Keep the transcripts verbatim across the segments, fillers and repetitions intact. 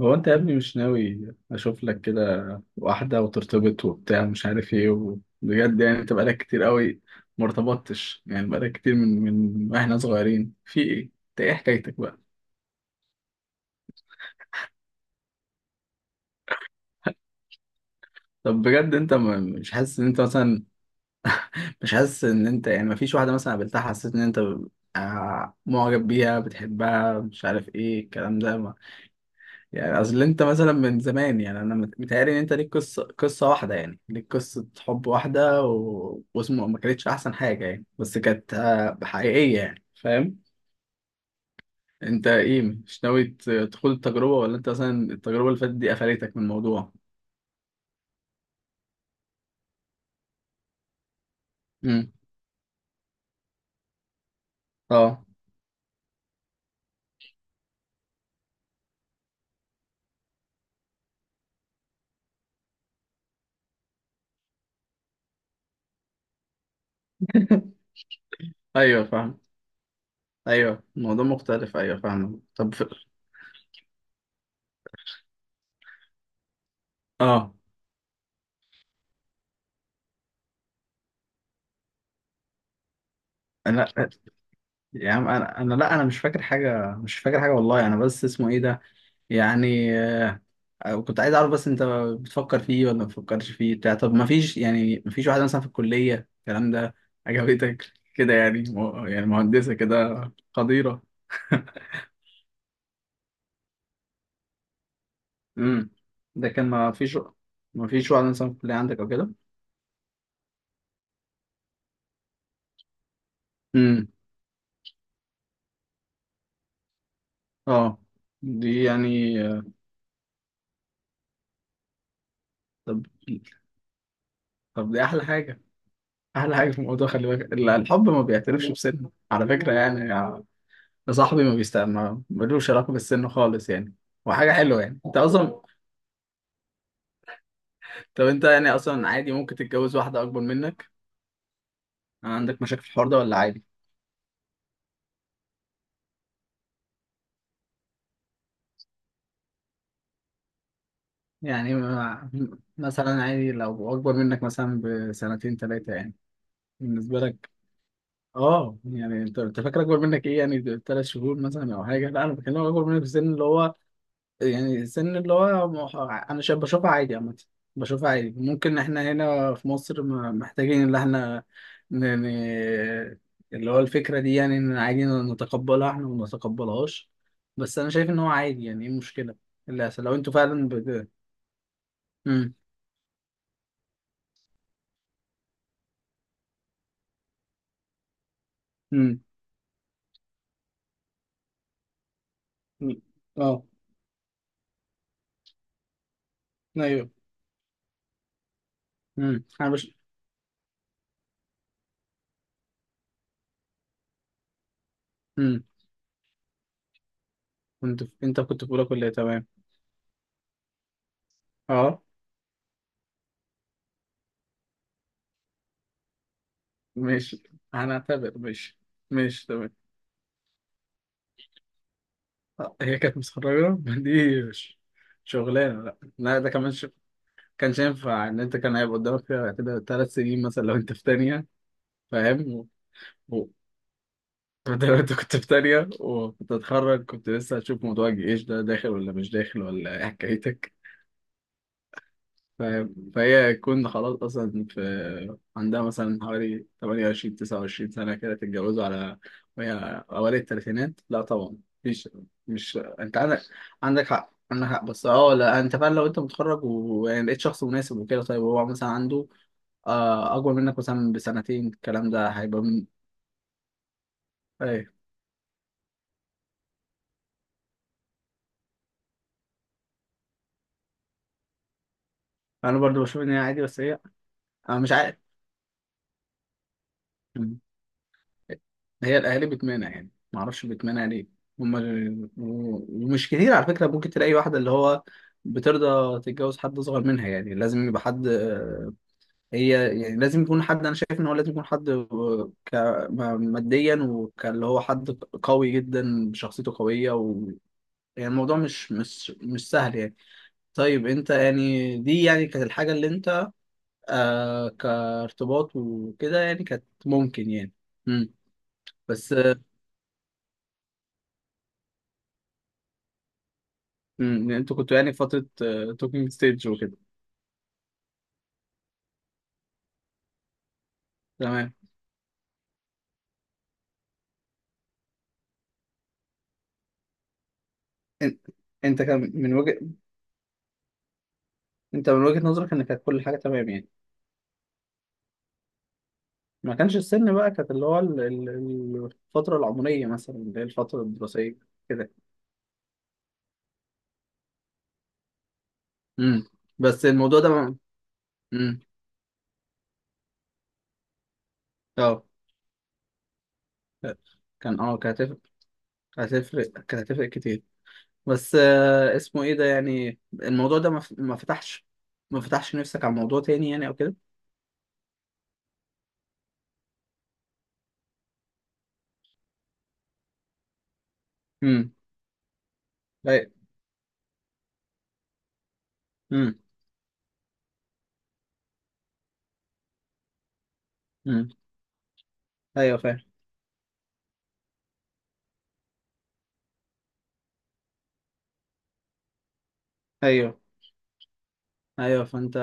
هو انت يا ابني مش ناوي اشوف لك كده واحدة وترتبط وبتاع مش عارف ايه، وبجد يعني انت بقالك كتير قوي ما ارتبطتش، يعني بقالك كتير من من واحنا صغيرين في ايه؟ انت ايه حكايتك بقى؟ طب بجد انت ما- مش حاسس ان انت مثلا مش حاسس ان انت، يعني ما فيش واحدة مثلا قابلتها حسيت ان انت آه، معجب بيها، بتحبها، مش عارف ايه الكلام ده؟ يعني اصل انت مثلا من زمان، يعني انا مت- متهيألي ان انت ليك قصه قصه واحده، يعني ليك قصه حب واحده و... واسمه ما كانتش احسن حاجه يعني، بس كانت آه، حقيقيه يعني، فاهم. انت ايه؟ مش ناوي ت- تخوض التجربه؟ ولا انت مثلا التجربه اللي فاتت دي قفلتك من الموضوع؟ امم. اه. ايوه فاهم. ايوه الموضوع مختلف، ايوه فاهم. طب في... اه. انا، يا عم انا انا لا انا مش فاكر حاجه، مش فاكر حاجه والله، انا بس اسمه ايه ده، يعني آه، كنت عايز اعرف بس انت بتفكر فيه ولا ما بتفكرش فيه بتاع؟ طب ما فيش، يعني ما فيش واحده مثلا في الكليه الكلام ده عجبتك كده؟ يعني مه- يعني مهندسه كده قديره. امم. ده كان ما فيش؟ ما فيش واحده مثلا في الكليه عندك او كده؟ امم. اه. دي يعني آه، طب، طب دي احلى حاجه، احلى حاجه في الموضوع. خلي بالك ال- الحب ما بيعترفش بسن على فكره، يعني يا صاحبي، ما بيست، ما ملوش علاقه بالسن خالص يعني، وحاجه حلوه يعني انت اصلا. طب انت يعني اصلا عادي ممكن تتجوز واحدة اكبر منك؟ يعني عندك مشاكل في الحوار ده ولا عادي؟ يعني ما- مثلا عادي لو اكبر منك مثلا بسنتين ثلاثة يعني، بالنسبة لك؟ اه، يعني انت انت فاكر اكبر منك ايه، يعني ثلاث شهور مثلا او حاجة؟ لا انا بكلمك اكبر منك في السن، اللي هو يعني سن اللي هو مح- انا شايف، بشوفها عادي عامة، بشوفها عادي. ممكن احنا هنا في مصر م- محتاجين ان احنا ن... ن... اللي هو الفكرة دي، يعني ان عادي نتقبلها احنا وما نتقبلهاش، بس انا شايف ان هو عادي يعني. ايه المشكلة اللي هيحصل لو انتوا فعلا بت...؟ مم. مم. مم. اه ايوه. مم. انا بش. مم. كنت في... انت كنت في اولى كلية، تمام. اه، ماشي، هنعتبر ماشي. ماشي تمام. هي كانت متخرجة دي مش شغلانة، لا لا ده كمان ش... كانش ينفع، ان انت كان هيبقى قدامك فيها كده ثلاث سنين مثلا لو انت في تانية. فاهم و... و... ده لو انت كنت في تانية وكنت هتخرج، كنت لسه هتشوف موضوع الجيش ده داخل ولا مش داخل ولا ايه حكايتك. ف- فهي تكون خلاص اصلا في عندها مثلا حوالي ثمانية وعشرين تسعة وعشرين سنه، كده تتجوزوا على وهي اوائل الثلاثينات، لا طبعا مفيش. مش انت عندك عندك حق، عندك حق. بس اه لا، انت فعلا لو انت متخرج و- يعني لقيت شخص مناسب وكده، طيب هو مثلا عنده آه، اكبر منك مثلا بسنتين، الكلام ده هيبقى من... ايه. انا برضو بشوف ان هي عادي، بس هي انا مش عارف، هي الاهالي بتمانع يعني ما اعرفش، بتمانع ليه هما؟ و- ومش كتير على فكره ممكن تلاقي واحده اللي هو بترضى تتجوز حد اصغر منها، يعني لازم يبقى حد آه، هي يعني لازم يكون حد. انا شايف ان هو لازم يكون حد آه، ك م- ماديا، وكاللي هو حد قوي جدا، شخصيته قويه، و... يعني الموضوع مش مش مش سهل يعني. طيب انت يعني، دي يعني كانت الحاجه اللي انت آه كارتباط وكده يعني، كانت ممكن يعني. مم. بس امم، انتوا كنتوا يعني في فترة توكينج ستيج وكده، تمام. ان- انت كان من وجه، انت من وجهة نظرك، ان كانت كل حاجة تمام يعني؟ ما كانش السن بقى، كانت اللي هو ال- ال- ال- الفترة العمرية مثلا، اللي هي الفترة الدراسية كده. امم. بس الموضوع ده ما- امم، اه، كان اه، كانت هتفرق، كانت هتفرق، كانت هتفرق كتير. بس آه، اسمه ايه ده، يعني الموضوع ده ما ف- ما فتحش، ما فتحش نفسك على موضوع تاني يعني او كده؟ امم، ايوه. امم. امم. ايوه فاهم. ايوه، ايوه فانت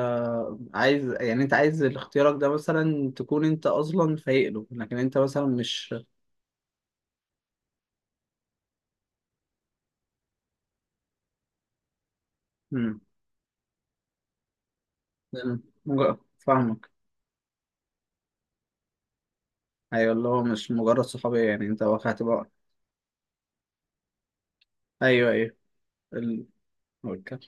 عايز، يعني انت عايز اختيارك ده مثلا تكون انت اصلا فايق له، لكن انت مثلا مش. مم. مجرد فاهمك. ايوه، اللي هو مش مجرد صحابيه يعني، انت واقعت بقى. ايوه ايوه. ال... أوكي.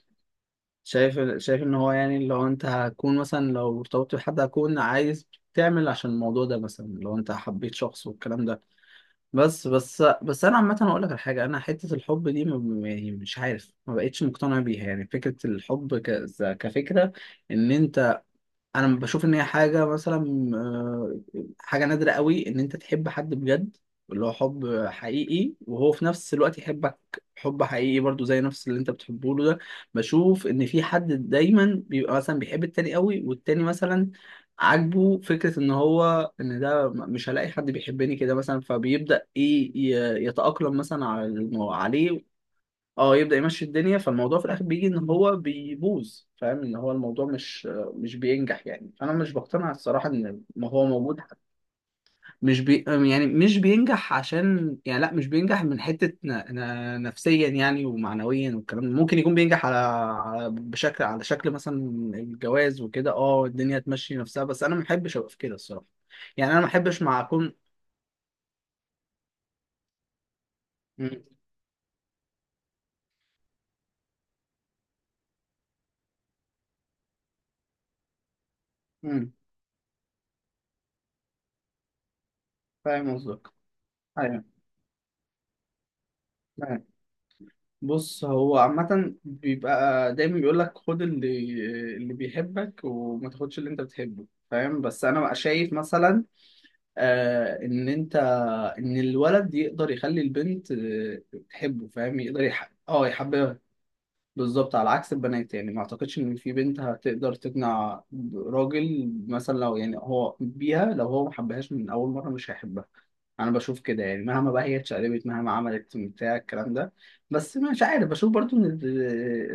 شايف، شايف ان هو يعني لو انت هتكون مثلا لو ارتبطت بحد، هتكون عايز تعمل عشان الموضوع ده، مثلا لو انت حبيت شخص والكلام ده. بس بس بس انا عامه اقول لك على حاجه، انا حته الحب دي ما- يعني مش عارف، ما بقتش مقتنع بيها، يعني فكره الحب ك... ز- كفكره ان انت، انا بشوف ان هي حاجه مثلا آه، حاجه نادره قوي، ان انت تحب حد بجد، اللي هو حب حقيقي، وهو في نفس الوقت يحبك حب حقيقي برضو زي نفس اللي انت بتحبه له ده. بشوف ان في حد دايما بيبقى مثلا بيحب التاني قوي، والتاني مثلا عاجبه فكره ان هو، ان ده م- مش هلاقي حد بيحبني كده مثلا، فبيبدا ايه ي- يتاقلم مثلا على المو- عليه، اه يبدأ يمشي الدنيا. فالموضوع في الآخر بيجي إن هو بيبوظ، فاهم إن هو الموضوع مش مش بينجح يعني. أنا مش بقتنع الصراحة إن ما هو موجود. مش بي يعني مش بينجح، عشان يعني لا مش بينجح من حتة ن... ن... نفسيا يعني ومعنويا والكلام ده. ممكن يكون بينجح على... على بشكل، على شكل مثلا الجواز وكده، اه الدنيا تمشي نفسها. بس أنا ما بحبش أبقى في كده الصراحة، يعني أنا ما بحبش مع أكون. م- م- فاهم قصدك. أيوه. أيوه. بص هو عامة بيبقى دايما بيقول لك خد اللي، اللي بيحبك وما تاخدش اللي انت بتحبه. فاهم؟ بس انا بقى شايف مثلا آه ان انت، ان الولد يقدر يخلي البنت آه، تحبه، فاهم؟ يقدر يح... اه يحببها. بالظبط، على عكس البنات. يعني ما اعتقدش ان في بنت هتقدر تقنع راجل مثلا لو يعني هو بيها، لو هو ما حبهاش من اول مره مش هيحبها، انا بشوف كده يعني. مهما بقى هي اتشقلبت، مهما عملت بتاع الكلام ده. بس مش عارف، بشوف برضو ان ال-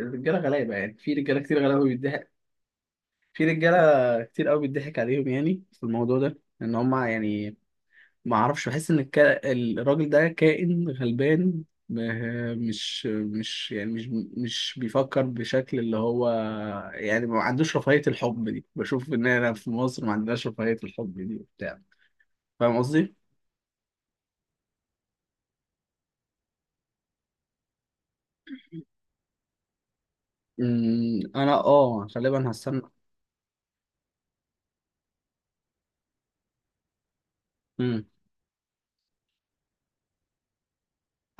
الرجاله غلابه، يعني في رجاله كتير غلابه بيضحك، في رجاله كتير قوي بيضحك عليهم، يعني في الموضوع ده ان هم يعني ما اعرفش، بحس ان الكا... الراجل ده كائن غلبان ما- مش مش يعني مش مش بيفكر بشكل اللي هو، يعني ما عندوش رفاهية الحب دي. بشوف ان انا في مصر ما عندناش رفاهية الحب دي وبتاع، فاهم قصدي؟ أمم، انا اه غالبا هستنى.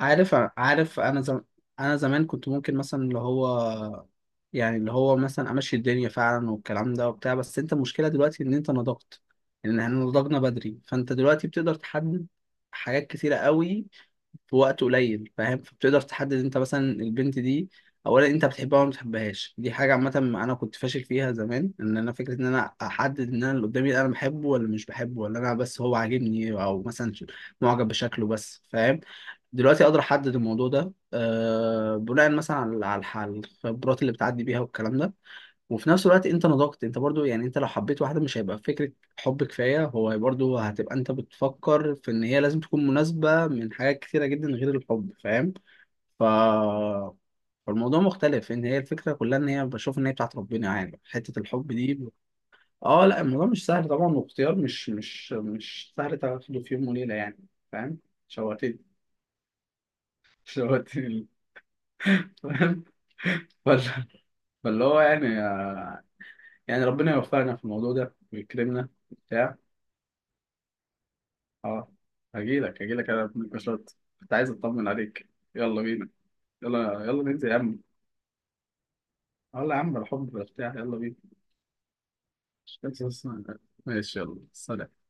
عارف، عارف، انا زم... انا زمان كنت ممكن مثلا اللي هو، يعني اللي هو مثلا امشي الدنيا فعلا والكلام ده وبتاع. بس انت المشكله دلوقتي ان انت نضجت، ان احنا نضجنا بدري، فانت دلوقتي بتقدر تحدد حاجات كتيره قوي في وقت قليل، فاهم. فبتقدر تحدد انت مثلا البنت دي، اولا انت بتحبها ولا ما بتحبهاش، دي حاجه عامه. انا كنت فاشل فيها زمان ان انا فكره ان انا احدد ان انا اللي قدامي ده انا بحبه ولا مش بحبه، ولا انا بس هو عاجبني، او مثلا ش- معجب بشكله بس، فاهم. دلوقتي اقدر احدد الموضوع ده أه بناء مثلا على على الح- الخبرات اللي بتعدي بيها والكلام ده. وفي نفس الوقت انت نضجت، انت برضو يعني انت لو حبيت واحده مش هيبقى فكره حب كفايه، هو برضو هتبقى انت بتفكر في ان هي لازم تكون مناسبه من حاجات كتيره جدا غير الحب، فاهم. ف، فالموضوع مختلف، ان هي الفكره كلها ان هي بشوف ان هي بتاعت ربنا يعني حته الحب دي. اه لا الموضوع مش سهل طبعا، واختيار مش مش مش سهل تاخده في يوم وليله يعني. فاهم. شوقتني شوقتني، فاهم. فال- فاللي هو يعني آه، يعني ربنا يوفقنا في الموضوع ده ويكرمنا وبتاع. اه، هجيلك هجيلك انا في النقاشات، كنت عايز اطمن عليك. يلا بينا. يلا، يلا ننزل يا عم، يلا يا عم الحب بتاع، يلا بينا. مش بس- ماشي، يلا سلام.